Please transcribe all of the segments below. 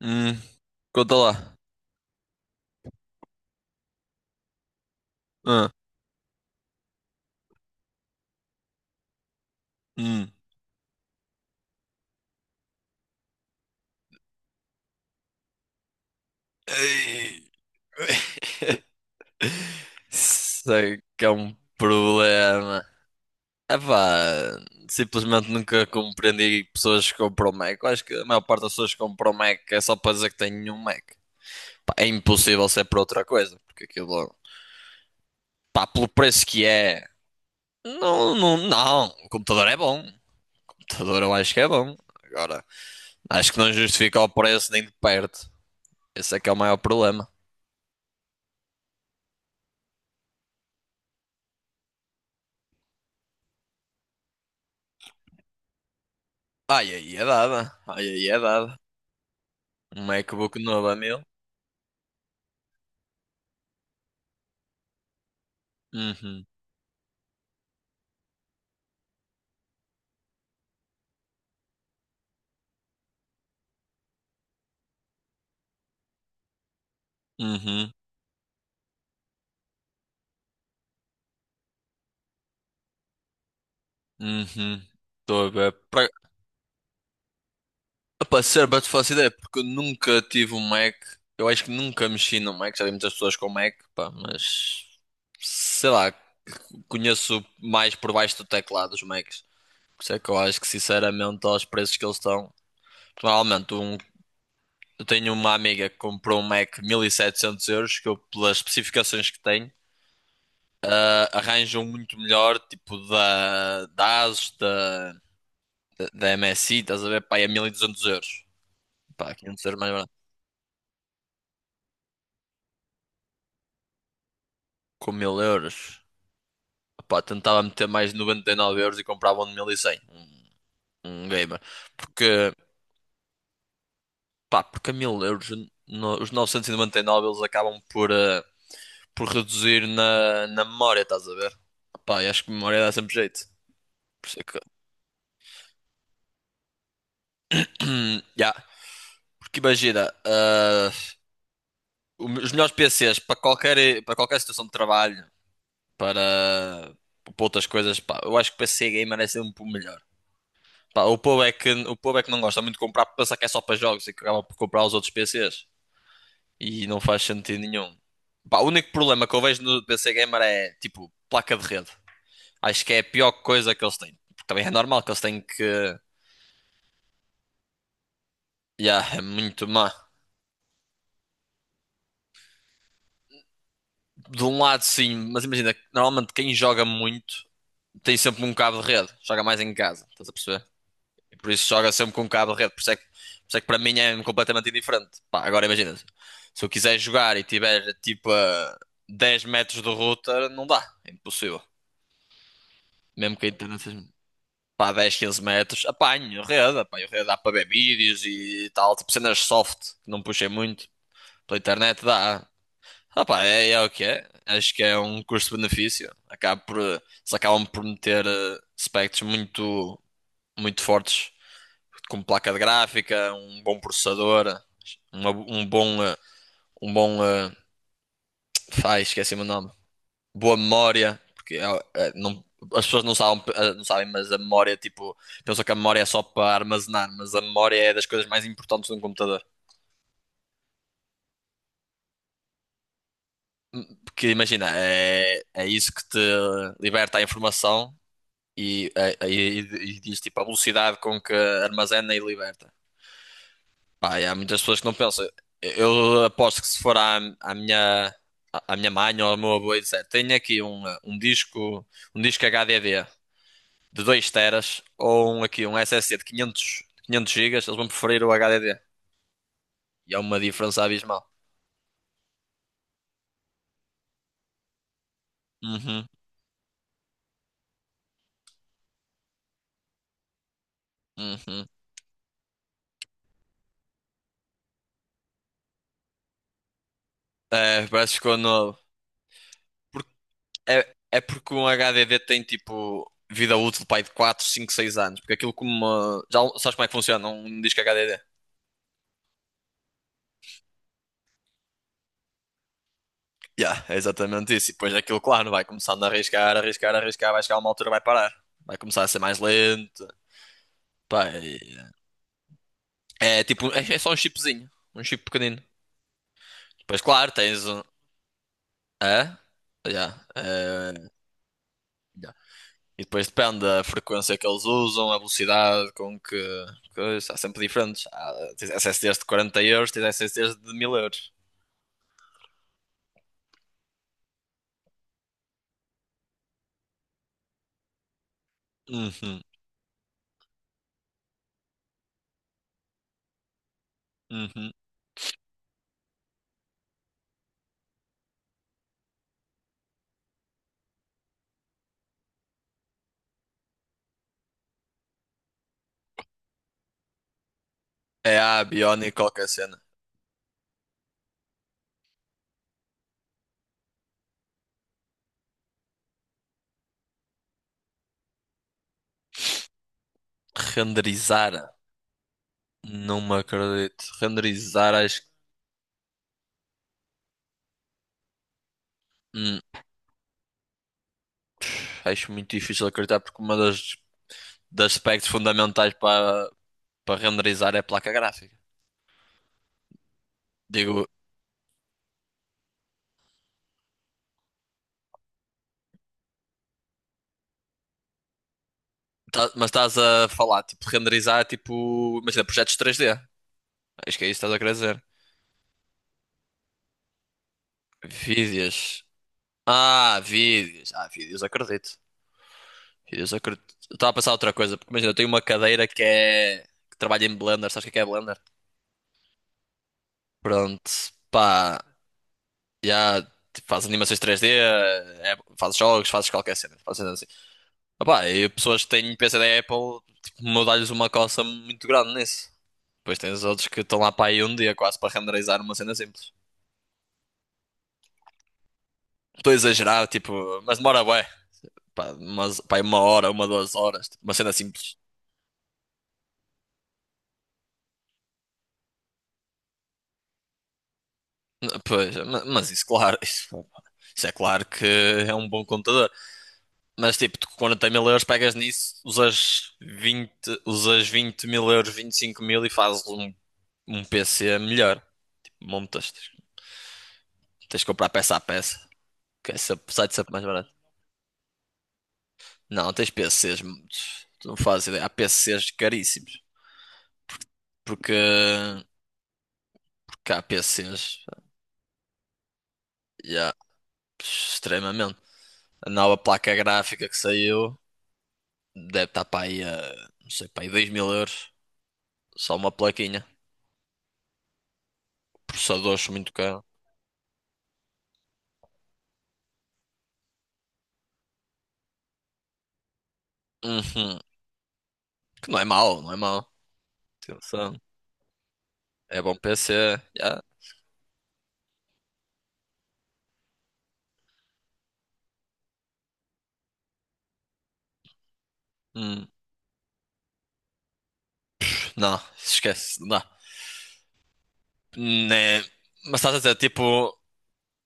Hum, conta lá. Ah, hum. Ei, sei que é um problema. Epá, simplesmente nunca compreendi pessoas que compram Mac. Eu acho que a maior parte das pessoas que compram Mac é só para dizer que têm um Mac. Pá, é impossível ser para outra coisa, porque aquilo, pá, pelo preço que é, não, não, não. O computador é bom. O computador eu acho que é bom. Agora, acho que não justifica o preço nem de perto. Esse é que é o maior problema. Ai, aí é dada. Ai, aí é dada. Um MacBook novo a 1.000? Uhum, uhum, uhum. Estou a ver. Opa, sério, para te faço ideia, porque eu nunca tive um Mac. Eu acho que nunca mexi no Mac. Já vi muitas pessoas com Mac, pá, mas sei lá, conheço mais por baixo do teclado os Macs. Por isso é que eu acho que, sinceramente, aos preços que eles estão. Normalmente, eu tenho uma amiga que comprou um Mac 1.700 euros, que eu, pelas especificações que tem, arranjam muito melhor, tipo da ASUS, da MSI, estás a ver? Pá, é 1.200 euros. Pá, 500 euros mais barato. Com 1.000 euros. Pá, tentava meter mais de 99 euros e comprava um de 1.100. Um gamer. Porque, porque a 1000 euros, os 999 eles acabam por reduzir na memória, estás a ver? Pá, eu acho que memória dá sempre jeito. Por isso é que... Ya, porque imagina, os melhores PCs para qualquer situação de trabalho, para, para outras coisas, pá, eu acho que PC gamer é sempre o melhor. Pá, o povo é que não gosta muito de comprar, porque pensa que é só para jogos e que acaba por comprar os outros PCs. E não faz sentido nenhum. Pá, o único problema que eu vejo no PC gamer é, tipo, placa de rede. Acho que é a pior coisa que eles têm. Porque também é normal que eles têm que... Yeah, é muito má. De um lado, sim, mas imagina, normalmente quem joga muito tem sempre um cabo de rede. Joga mais em casa, estás a perceber? E por isso joga sempre com um cabo de rede. Por isso é que para mim é completamente indiferente. Pá, agora imagina, se eu quiser jogar e tiver tipo a 10 metros do router, não dá. É impossível. Mesmo que a internet seja pá, 10, 15 metros, apanho rede. Apanho rede, dá para ver vídeos e tal. Tipo cenas soft, que não puxei muito. Pela internet dá. Ah, pá, é, é o que é. Acho que é um custo-benefício. Eles acabam por meter aspectos muito, muito fortes como placa de gráfica, um bom processador, uma- um bom, eh, um bom, ai, esqueci-me o nome, boa memória, porque as pessoas não sabem, não sabem, mas a memória, tipo, pensam que a memória é só para armazenar, mas a memória é das coisas mais importantes de um computador. Porque imagina, é isso que te liberta a informação e, eh, e, e diz tipo a velocidade com que armazena e liberta. Pá, e há muitas pessoas que não pensam. Eu aposto que se for à minha mãe ou ao meu avô e disser, tenho aqui um disco HDD de 2 teras ou aqui um SSD de 500 gigas, eles vão preferir o HDD. E é uma diferença abismal. Uhum, uhum. É, parece que ficou novo. Porque, é porque um HDD tem tipo vida útil pai de 4 5 6 anos. Porque aquilo como. Já sabes como é que funciona um disco HDD? Yeah, é exatamente isso. E depois aquilo, claro, vai começando a arriscar, arriscar, arriscar, vai chegar a uma altura, vai parar. Vai começar a ser mais lento. Pá, é tipo, é só um chipzinho, um chip pequenino. Depois, claro, tens um. É? Yeah, é, yeah. E depois depende da frequência que eles usam, a velocidade com que. Coisa, há sempre diferentes. Tens SSDs de 40 euros, tens SSDs de 1.000 euros. Uhum, uhum. É a Bionic qualquer cena. Renderizar. Não me acredito. Renderizar, Hum, acho muito difícil acreditar porque uma das aspectos fundamentais para renderizar é a placa gráfica. Digo, mas estás a falar, tipo, renderizar, tipo, imagina, projetos 3D. Acho que é isso que estás a querer dizer. Vídeos. Ah, vídeos. Ah, vídeos, acredito. Vídeos, acredito. Eu estava a pensar outra coisa, porque imagina, eu tenho uma cadeira que trabalha em Blender, sabes o que é Blender? Pronto, pá, já, tipo, faz animações 3D é, faz jogos, fazes qualquer cena, faz. Opá, e pessoas que têm PC da Apple, tipo, mudar-lhes uma coça muito grande nisso. Depois tens outros que estão lá para aí um dia quase para renderizar uma cena simples. Estou a exagerar, tipo, mas demora bué. Pá, pá, aí 1 hora, uma, 2 horas, tipo, uma cena simples. Pois, mas isso, claro, isso é claro que é um bom computador. Mas tipo, tu com 40 mil euros pegas nisso, usas 20.000 euros, 25.000 e fazes um PC melhor. Tipo, montas, tens que comprar peça a peça. Que é site sup mais barato. Não, tens PCs. Tu não fazes ideia. Há PCs caríssimos. Porque, porque há PCs. Já, extremamente. A nova placa gráfica que saiu deve estar para aí a. Não sei, para aí 2.000 euros. Só uma plaquinha. Processadores muito caro. Uhum. Que não é mau, não é mau. Atenção. É bom PC. Já. Hum, Não, esquece. Não. Né. Mas estás a dizer tipo.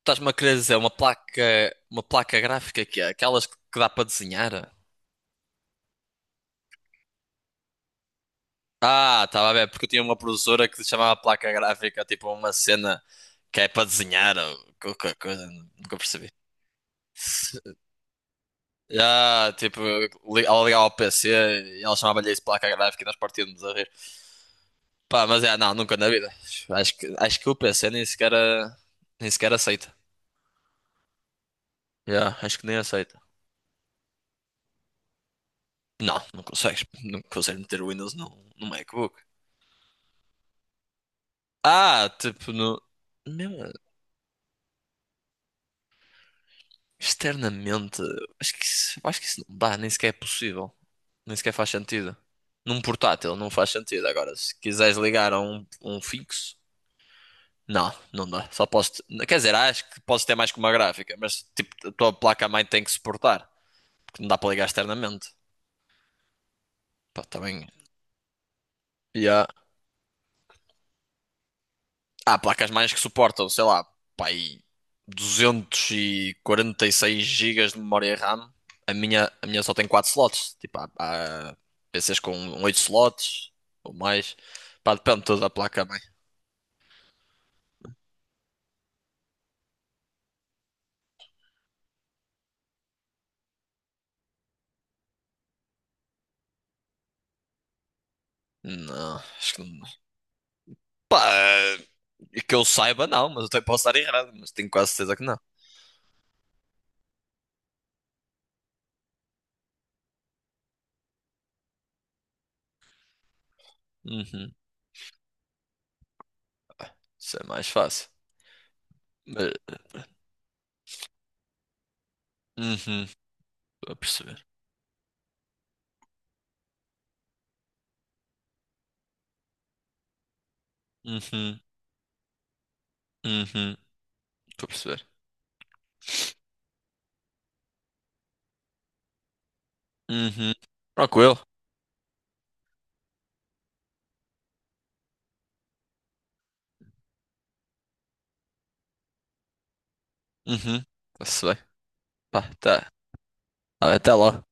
Estás-me a querer dizer uma placa gráfica que é aquelas que dá para desenhar? Ah, estava a ver, porque eu tinha uma professora que se chamava placa gráfica, tipo uma cena que é para desenhar ou qualquer coisa, nunca percebi. Ah, tipo, ela ligava ao PC e ela chamava-lhe isso placa gráfica e nós partíamos a rir. Pá, mas é, não, nunca na vida. Acho que o PC nem sequer, nem sequer aceita. Yeah, acho que nem aceita. Não, não consegues, não consegues meter o Windows no MacBook. Ah, tipo, no... mesmo externamente, acho que isso não dá, nem sequer é possível. Nem sequer faz sentido. Num portátil não faz sentido. Agora, se quiseres ligar a um fixo, não, não dá. Só posso. Quer dizer, acho que posso ter mais que uma gráfica, mas tipo, a tua placa-mãe tem que suportar, porque não dá para ligar externamente. Pá, também. Yeah. Há placas mães que suportam, sei lá, pá, aí 246 gigas de memória RAM. A minha só tem 4 slots. Tipo, há PCs com 8 slots ou mais. Pá, depende toda da placa mãe. Não, acho que não. Pá, que eu saiba, não, mas eu até posso estar errado, mas tenho quase certeza que não. Uhum, isso é mais fácil. Mas, uhum, estou a perceber. Uhum, uhum, estou a perceber. Uhum, tranquilo. Uhum, está-se bem. Pá, tá. Até lá.